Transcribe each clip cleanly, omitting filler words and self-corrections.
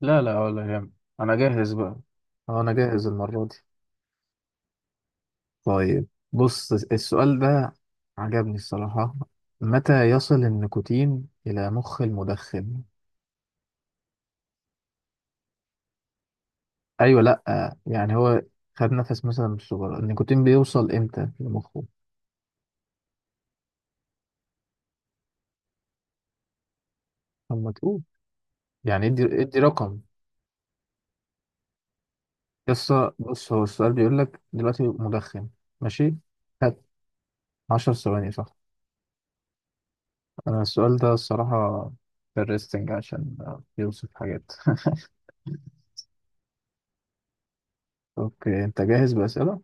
لا لا ولا يهم. انا جاهز بقى. اه انا جاهز المرة دي. طيب، بص السؤال ده عجبني الصراحة. متى يصل النيكوتين إلى مخ المدخن؟ أيوة، لأ يعني هو خد نفس مثلا من السجارة، النيكوتين بيوصل إمتى لمخه؟ لما تقول يعني ادي رقم. بس بص، هو السؤال بيقول لك دلوقتي مدخن، ماشي؟ خد، 10 ثواني، صح. أنا السؤال ده الصراحة interesting عشان بيوصف حاجات. اوكي، انت جاهز بأسئلة؟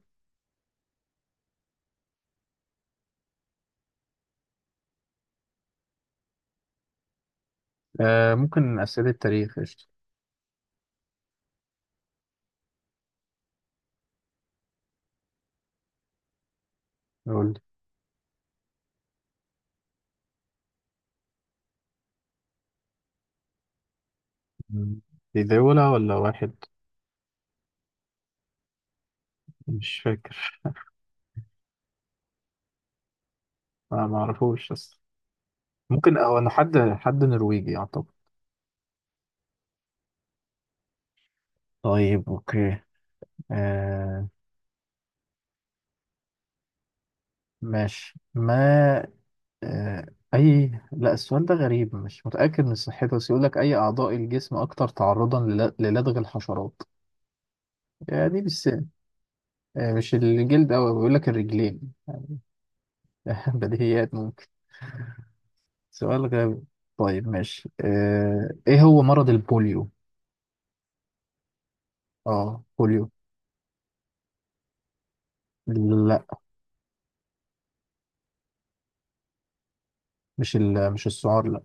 آه، ممكن أسئلة التاريخ قشطة. قول. مم. لي مم. دي دولة ولا واحد؟ مش فاكر. أنا ما اعرفوش، بس ممكن، أو أنا حد نرويجي أعتقد. طيب، أوكي. آه. ماشي ما آه. أي لا، السؤال ده غريب، مش متأكد من صحته، بس يقول لك أي أعضاء الجسم أكثر تعرضا للدغ الحشرات. يعني دي مش، آه، مش الجلد أوي، بيقول لك الرجلين. بديهيات. سؤال غبي. طيب ماشي، آه، ايه هو مرض البوليو؟ اه، بوليو. لا، مش السعار، لا.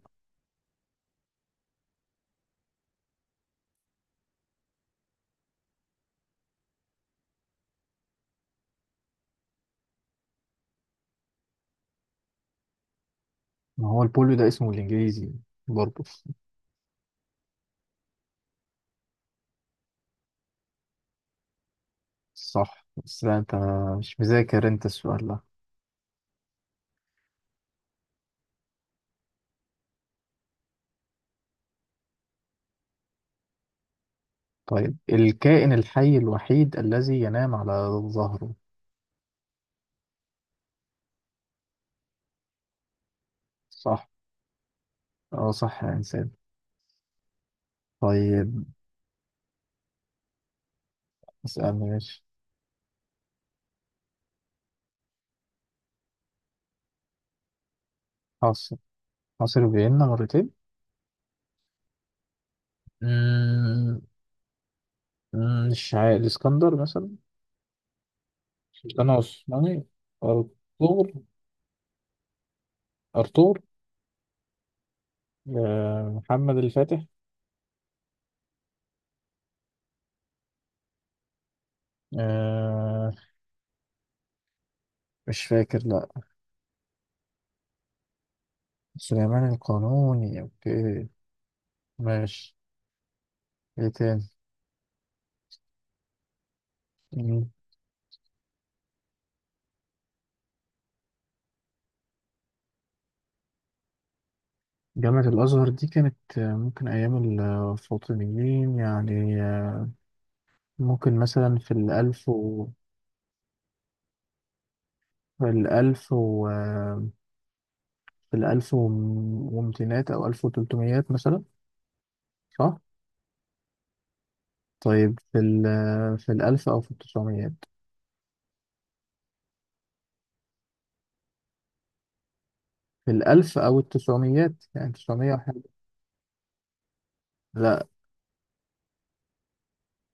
ما هو البوليو ده اسمه الانجليزي برضه. صح، بس لا انت مش مذاكر انت السؤال ده. طيب، الكائن الحي الوحيد الذي ينام على ظهره؟ صح. اه صح، يا انسان. طيب. اسألني ماشي. حاصر حاصر فيينا مرتين. مم، مش عارف، الاسكندر مثلا. كان عثماني. ارطغرل. ارطغرل. آه، محمد الفاتح. آه، مش فاكر لا. سليمان القانوني، اوكي ماشي. ايه تاني؟ مم. جامعة الأزهر دي كانت آه، ممكن أيام الفاطميين، يعني آه، ممكن مثلا في الألف و، في الألف و آه، في الألف ومتينات أو ألف وتلتميات مثلا. صح؟ طيب في ال، آه، في الألف أو في التسعميات. في الألف أو التسعميات، يعني تسعمية وحاجة. لا،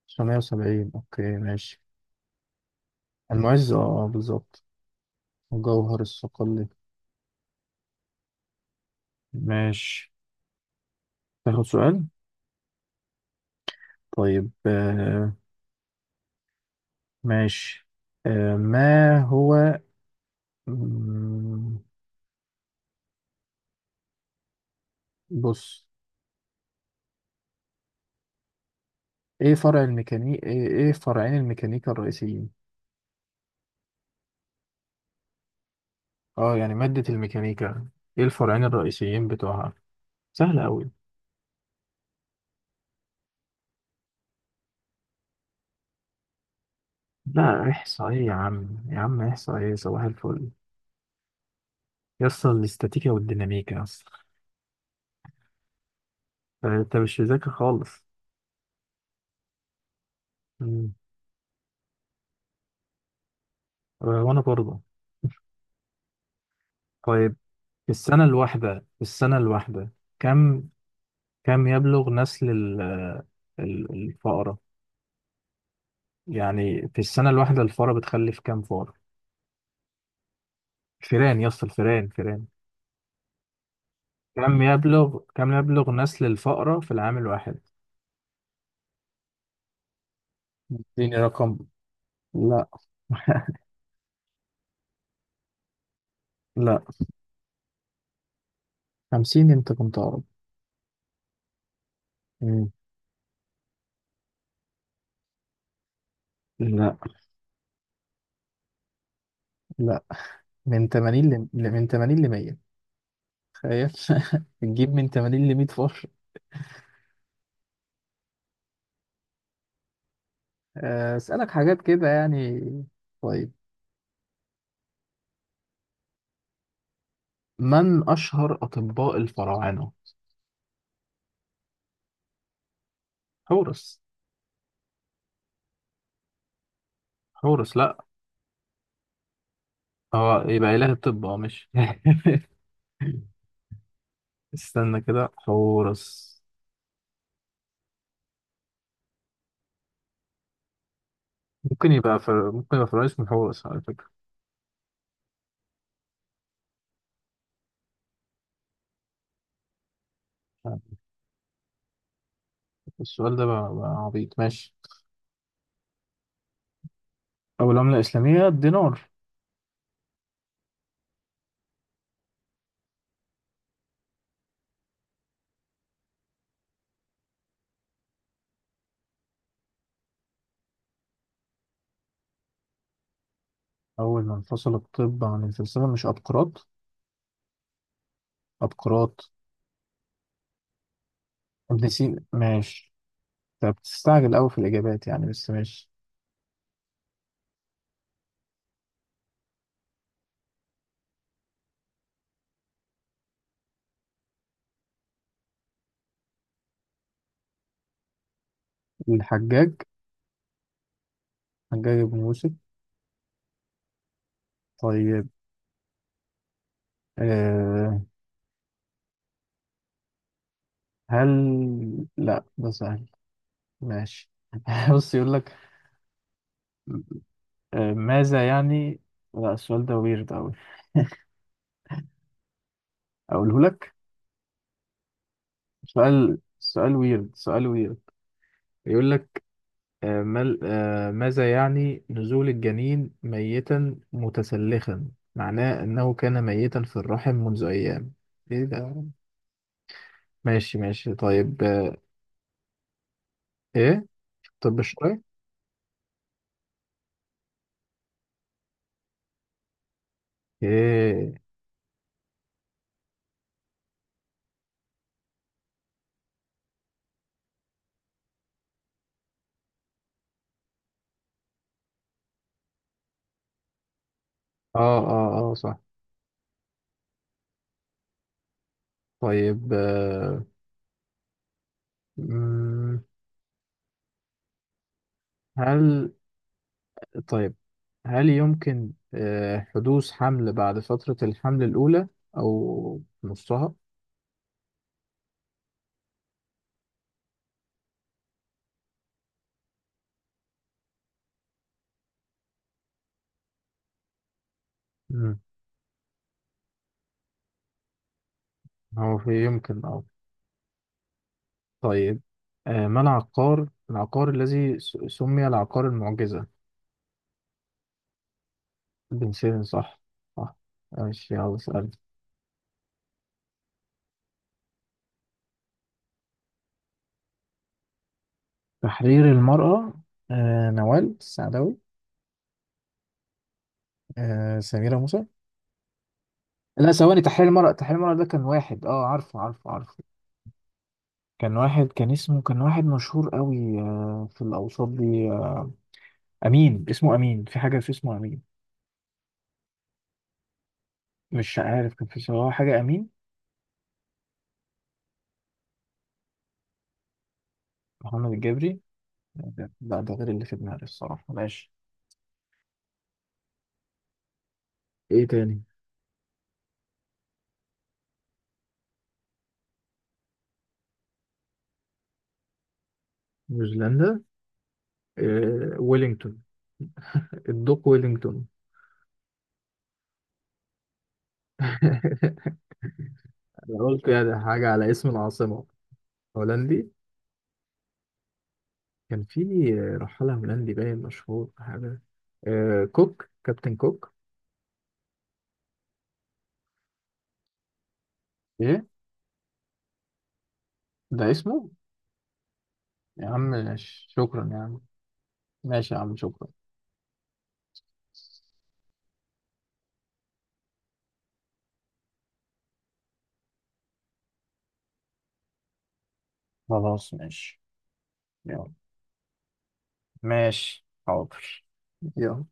تسعمية وسبعين، أوكي ماشي. المعز، بالظبط. وجوهر الصقلي، ماشي. تاخد سؤال؟ طيب آه، ماشي آه، ما هو، مم، بص. ايه فرع الميكانيك، إيه فرعين الميكانيكا الرئيسيين؟ اه يعني مادة الميكانيكا، ايه الفرعين الرئيسيين بتوعها؟ سهل قوي. لا، احصائية يا عم، يا عم احصائية، صباح الفل. يسطا الاستاتيكا والديناميكا، يسطا. انت مش مذاكر خالص. مم. آه، وانا برضه. طيب، في السنة الواحدة، كم كم يبلغ نسل الفأرة؟ يعني في السنة الواحدة الفأرة بتخلف كم فأرة. فئران يا اسطى، الفئران فئران. كم يبلغ نسل الفأرة في العام الواحد؟ اديني رقم. لا. لا، 50، انت كنت اقرب. مم. لا لا، من 80 من 80 ل 100. تخيل. تجيب من 80 ل 100 فار. آه، اسالك حاجات كده يعني. طيب. من أشهر أطباء الفراعنة؟ حورس. حورس، لأ. هو يبقى إله الطب أه، مش. استنى كده، حورس. ممكن يبقى فرعون اسمه حورس، على فكرة. السؤال ده بقى عبيط، ماشي. أول عملة إسلامية، الدينار. أول ما انفصل الطب عن الفلسفة، مش أبقراط؟ أبقراط. ابن سينا، ماشي. طب بتستعجل أوي في الإجابات يعني، بس ماشي. الحجاج. حجاج بن يوسف. طيب. أه. لا ده سهل، ماشي. بص، يقول لك آه، ماذا يعني، لا السؤال ده ويرد أوي، أقوله لك. سؤال ويرد، سؤال ويرد. يقول لك آه، مال آه، ماذا يعني نزول الجنين ميتا متسلخا، معناه أنه كان ميتا في الرحم منذ أيام. إيه ده؟ ماشي ماشي، طيب آه. إيه؟ طب الشرعي. إيه؟ آه آه آه، صح. طيب آه، مم، هل، طيب، هل يمكن آه، حدوث حمل بعد فترة الحمل الأولى أو نصها؟ مم. هو في يمكن، أه. طيب، آه، ما العقار، الذي سمي العقار المعجزة؟ بن سيرين، صح. صح. ماشي، يلا اسأل. تحرير المرأة، آه، نوال السعداوي. آه، سميرة موسى. لا ثواني، تحرير المرأة ده كان واحد، اه عارفه عارفه عارفه. كان واحد، كان واحد مشهور قوي آه، في الأوساط دي. امين، اسمه امين، في حاجه، في اسمه امين. مش عارف، كان في صراحه حاجه امين. محمد الجبري. لا. ده غير اللي في دماغي الصراحه، ماشي. ايه تاني؟ نيوزيلندا. إيه؟ ويلينغتون، الدوق ويلينغتون. انا قلت يعني حاجه على اسم العاصمه. هولندي. كان في رحاله هولندي باين مشهور حاجه. إيه، كوك، كابتن كوك. ايه ده اسمه. يا عم شكرا يا عم. ماشي يا عم، شكرا. خلاص ماشي. يلا. ماشي حاضر. يلا.